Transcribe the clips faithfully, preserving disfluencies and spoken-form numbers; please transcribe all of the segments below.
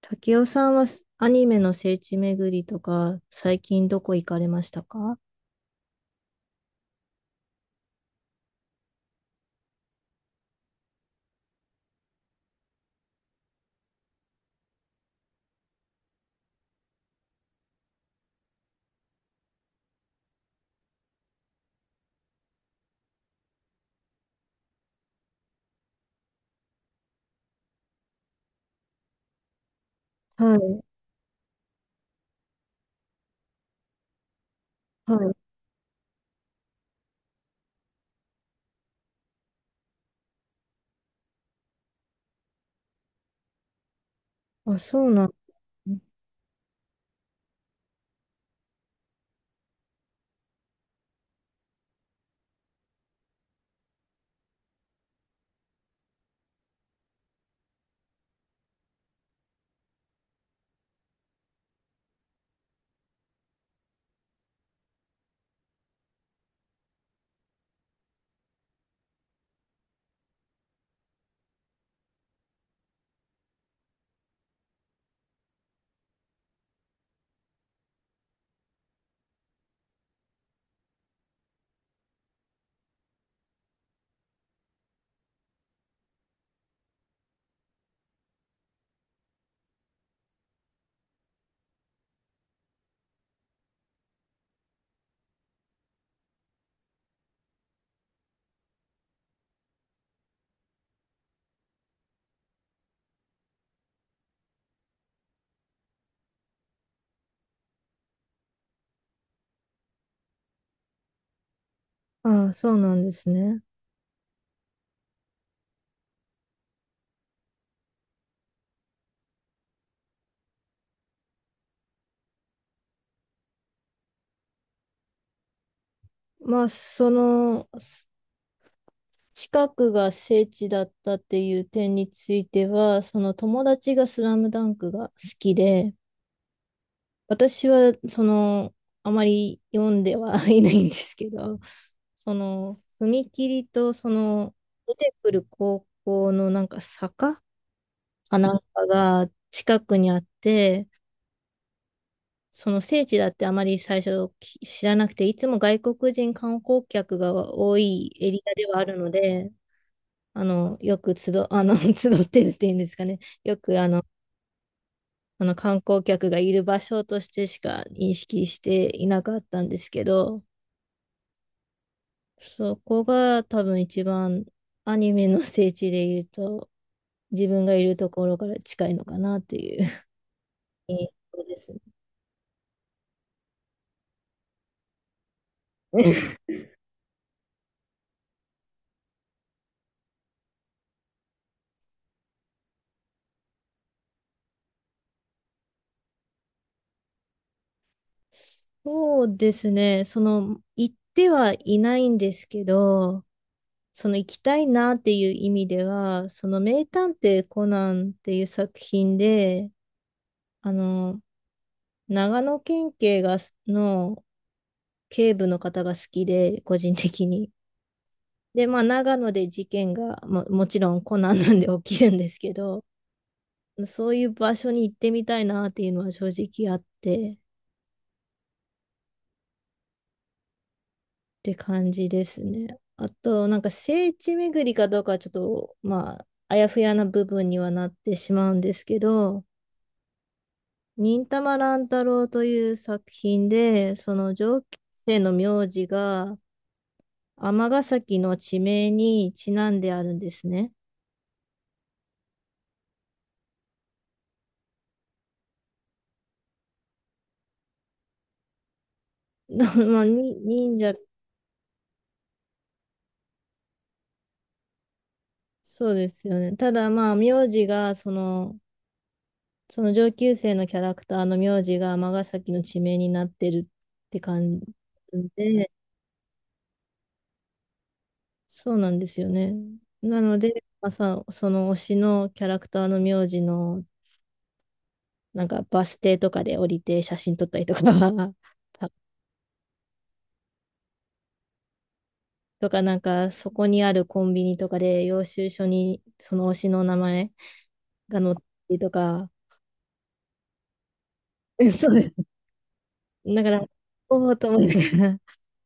竹雄さんはアニメの聖地巡りとか、最近どこ行かれましたか？はい、はい。あ、そうなん、あ、そうなんですね。まあ、その、す近くが聖地だったっていう点については、その友達がスラムダンクが好きで、私は、その、あまり読んでは いないんですけど、その、踏切と、その、出てくる高校のなんか坂かなんかが近くにあって、その聖地だってあまり最初き知らなくて、いつも外国人観光客が多いエリアではあるので、あの、よく集、あの、集ってるっていうんですかね。よくあの、あの観光客がいる場所としてしか認識していなかったんですけど、そこが多分一番アニメの聖地で言うと、自分がいるところから近いのかなっていう印象 ですね。そうですね。その、行ってはいないんですけど、その行きたいなっていう意味では、その名探偵コナンっていう作品で、あの、長野県警がす、の警部の方が好きで、個人的に。で、まあ、長野で事件がも、もちろんコナンなんで起きるんですけど、そういう場所に行ってみたいなっていうのは正直あって。て感じですね。あと、なんか聖地巡りかどうかはちょっと、まあ、あやふやな部分にはなってしまうんですけど、忍たま乱太郎という作品で、その上級生の名字が尼崎の地名にちなんであるんですね。まあ、に忍者、そうですよね。ただ、まあ、名字が、その、その上級生のキャラクターの名字が尼崎の地名になってるって感じで、そうなんですよね。なので、まあ、さ、その推しのキャラクターの名字の、なんかバス停とかで降りて写真撮ったりとか、たとか、なんかそこにあるコンビニとかで領収書にその推しの名前が載ってたりとか、そうです。だから、おおと思いながら、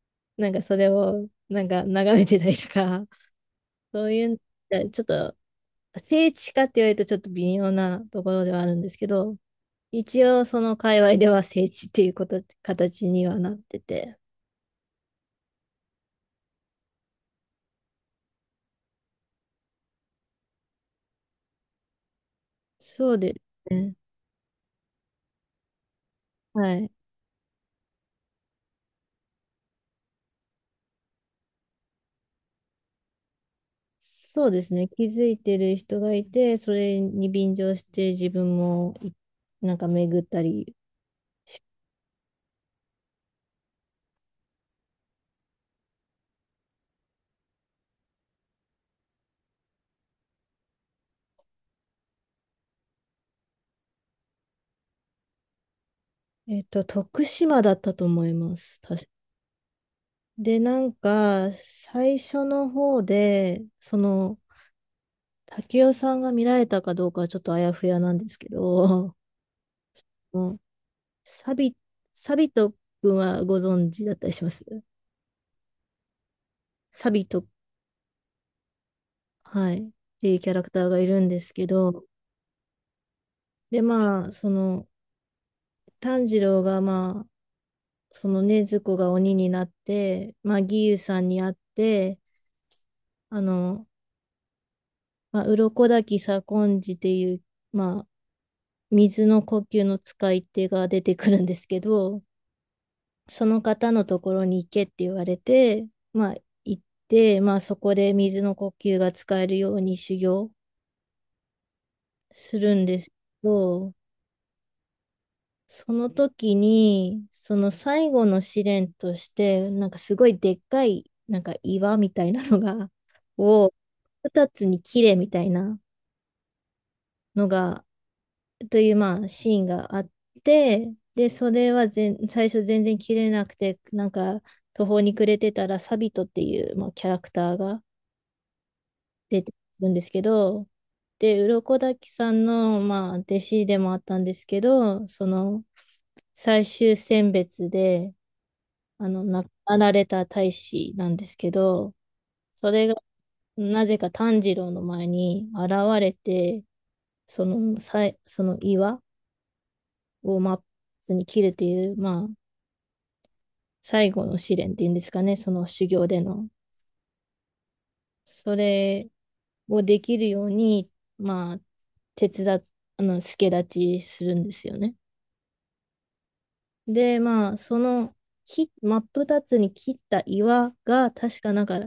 なんかそれをなんか眺めてたりとか、そういう、ちょっと聖地かって言われるとちょっと微妙なところではあるんですけど、一応その界隈では聖地っていうこと、形にはなってて。そうですね。はい。そうですね。気づいてる人がいて、それに便乗して自分もいなんか巡ったり。えっと、徳島だったと思います。確かで、なんか、最初の方で、その、竹雄さんが見られたかどうかはちょっとあやふやなんですけど、もうサビ、サビト君はご存知だったりします？サビト、はい、っていうキャラクターがいるんですけど、で、まあ、その、炭治郎が、まあ、そのね、禰豆子が鬼になって、まあ、義勇さんに会って、あの、まあ、鱗滝左近次っていう、まあ、水の呼吸の使い手が出てくるんですけど、その方のところに行けって言われて、まあ、行って、まあ、そこで水の呼吸が使えるように修行するんですけど、その時に、その最後の試練として、なんかすごいでっかい、なんか岩みたいなのが、を二つに切れみたいなのが、というまあシーンがあって、で、それは全最初全然切れなくて、なんか途方に暮れてたらサビトっていう、まあ、キャラクターが出てくるんですけど、で、鱗滝さんの、まあ、弟子でもあったんですけど、その最終選別で、あの、亡くなられた大使なんですけど、それがなぜか炭治郎の前に現れて、その、さい、その岩を真っ二つに切るっていう、まあ、最後の試練っていうんですかね、その修行での。それをできるように、まあ、手伝っ、あの、助太刀するんですよね。で、まあ、その、き真っ二つに切った岩が、確かなんか、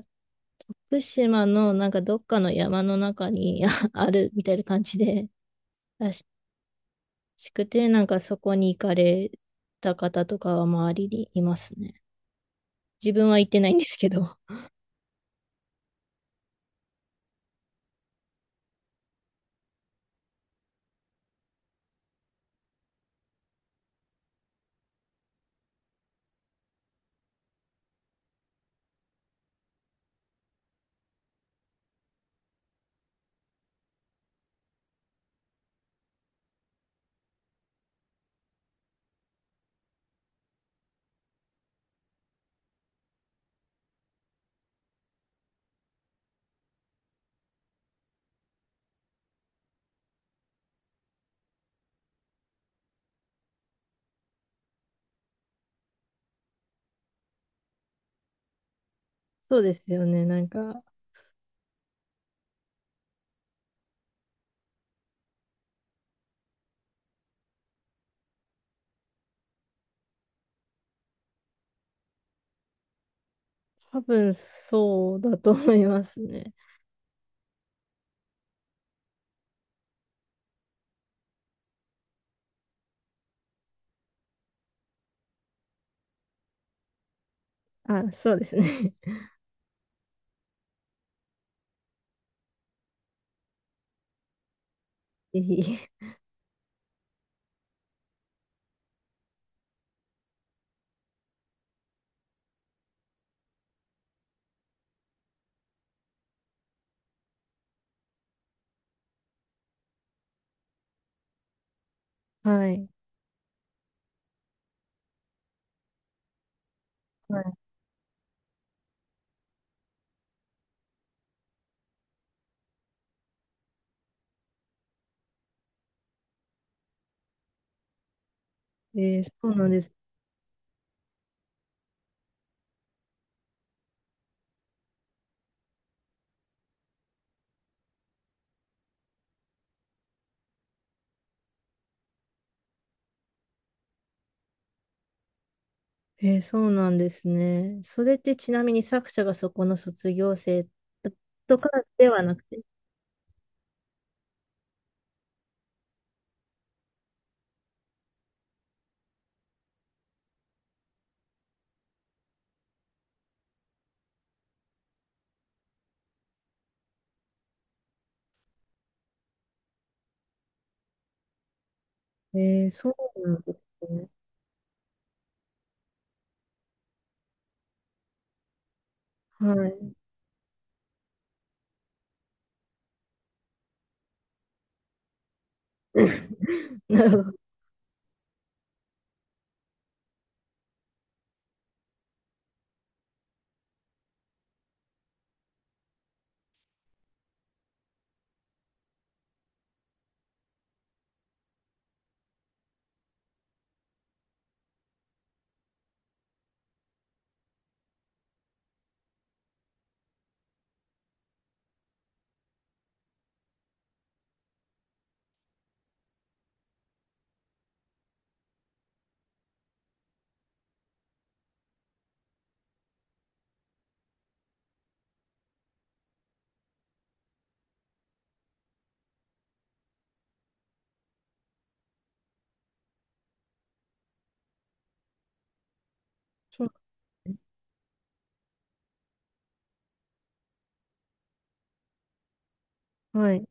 福島のなんかどっかの山の中にあ あるみたいな感じでらしくて、なんかそこに行かれた方とかは周りにいますね。自分は行ってないんですけど。そうですよね。なんか、多分そうだと思いますね。あ、そうですね。ぜひ。はい。はい。えーそうなんです。えーそうなんですね。それってちなみに作者がそこの卒業生とかではなくて。えーそうなんですね。はい。なるほど。そうなんですね。はい。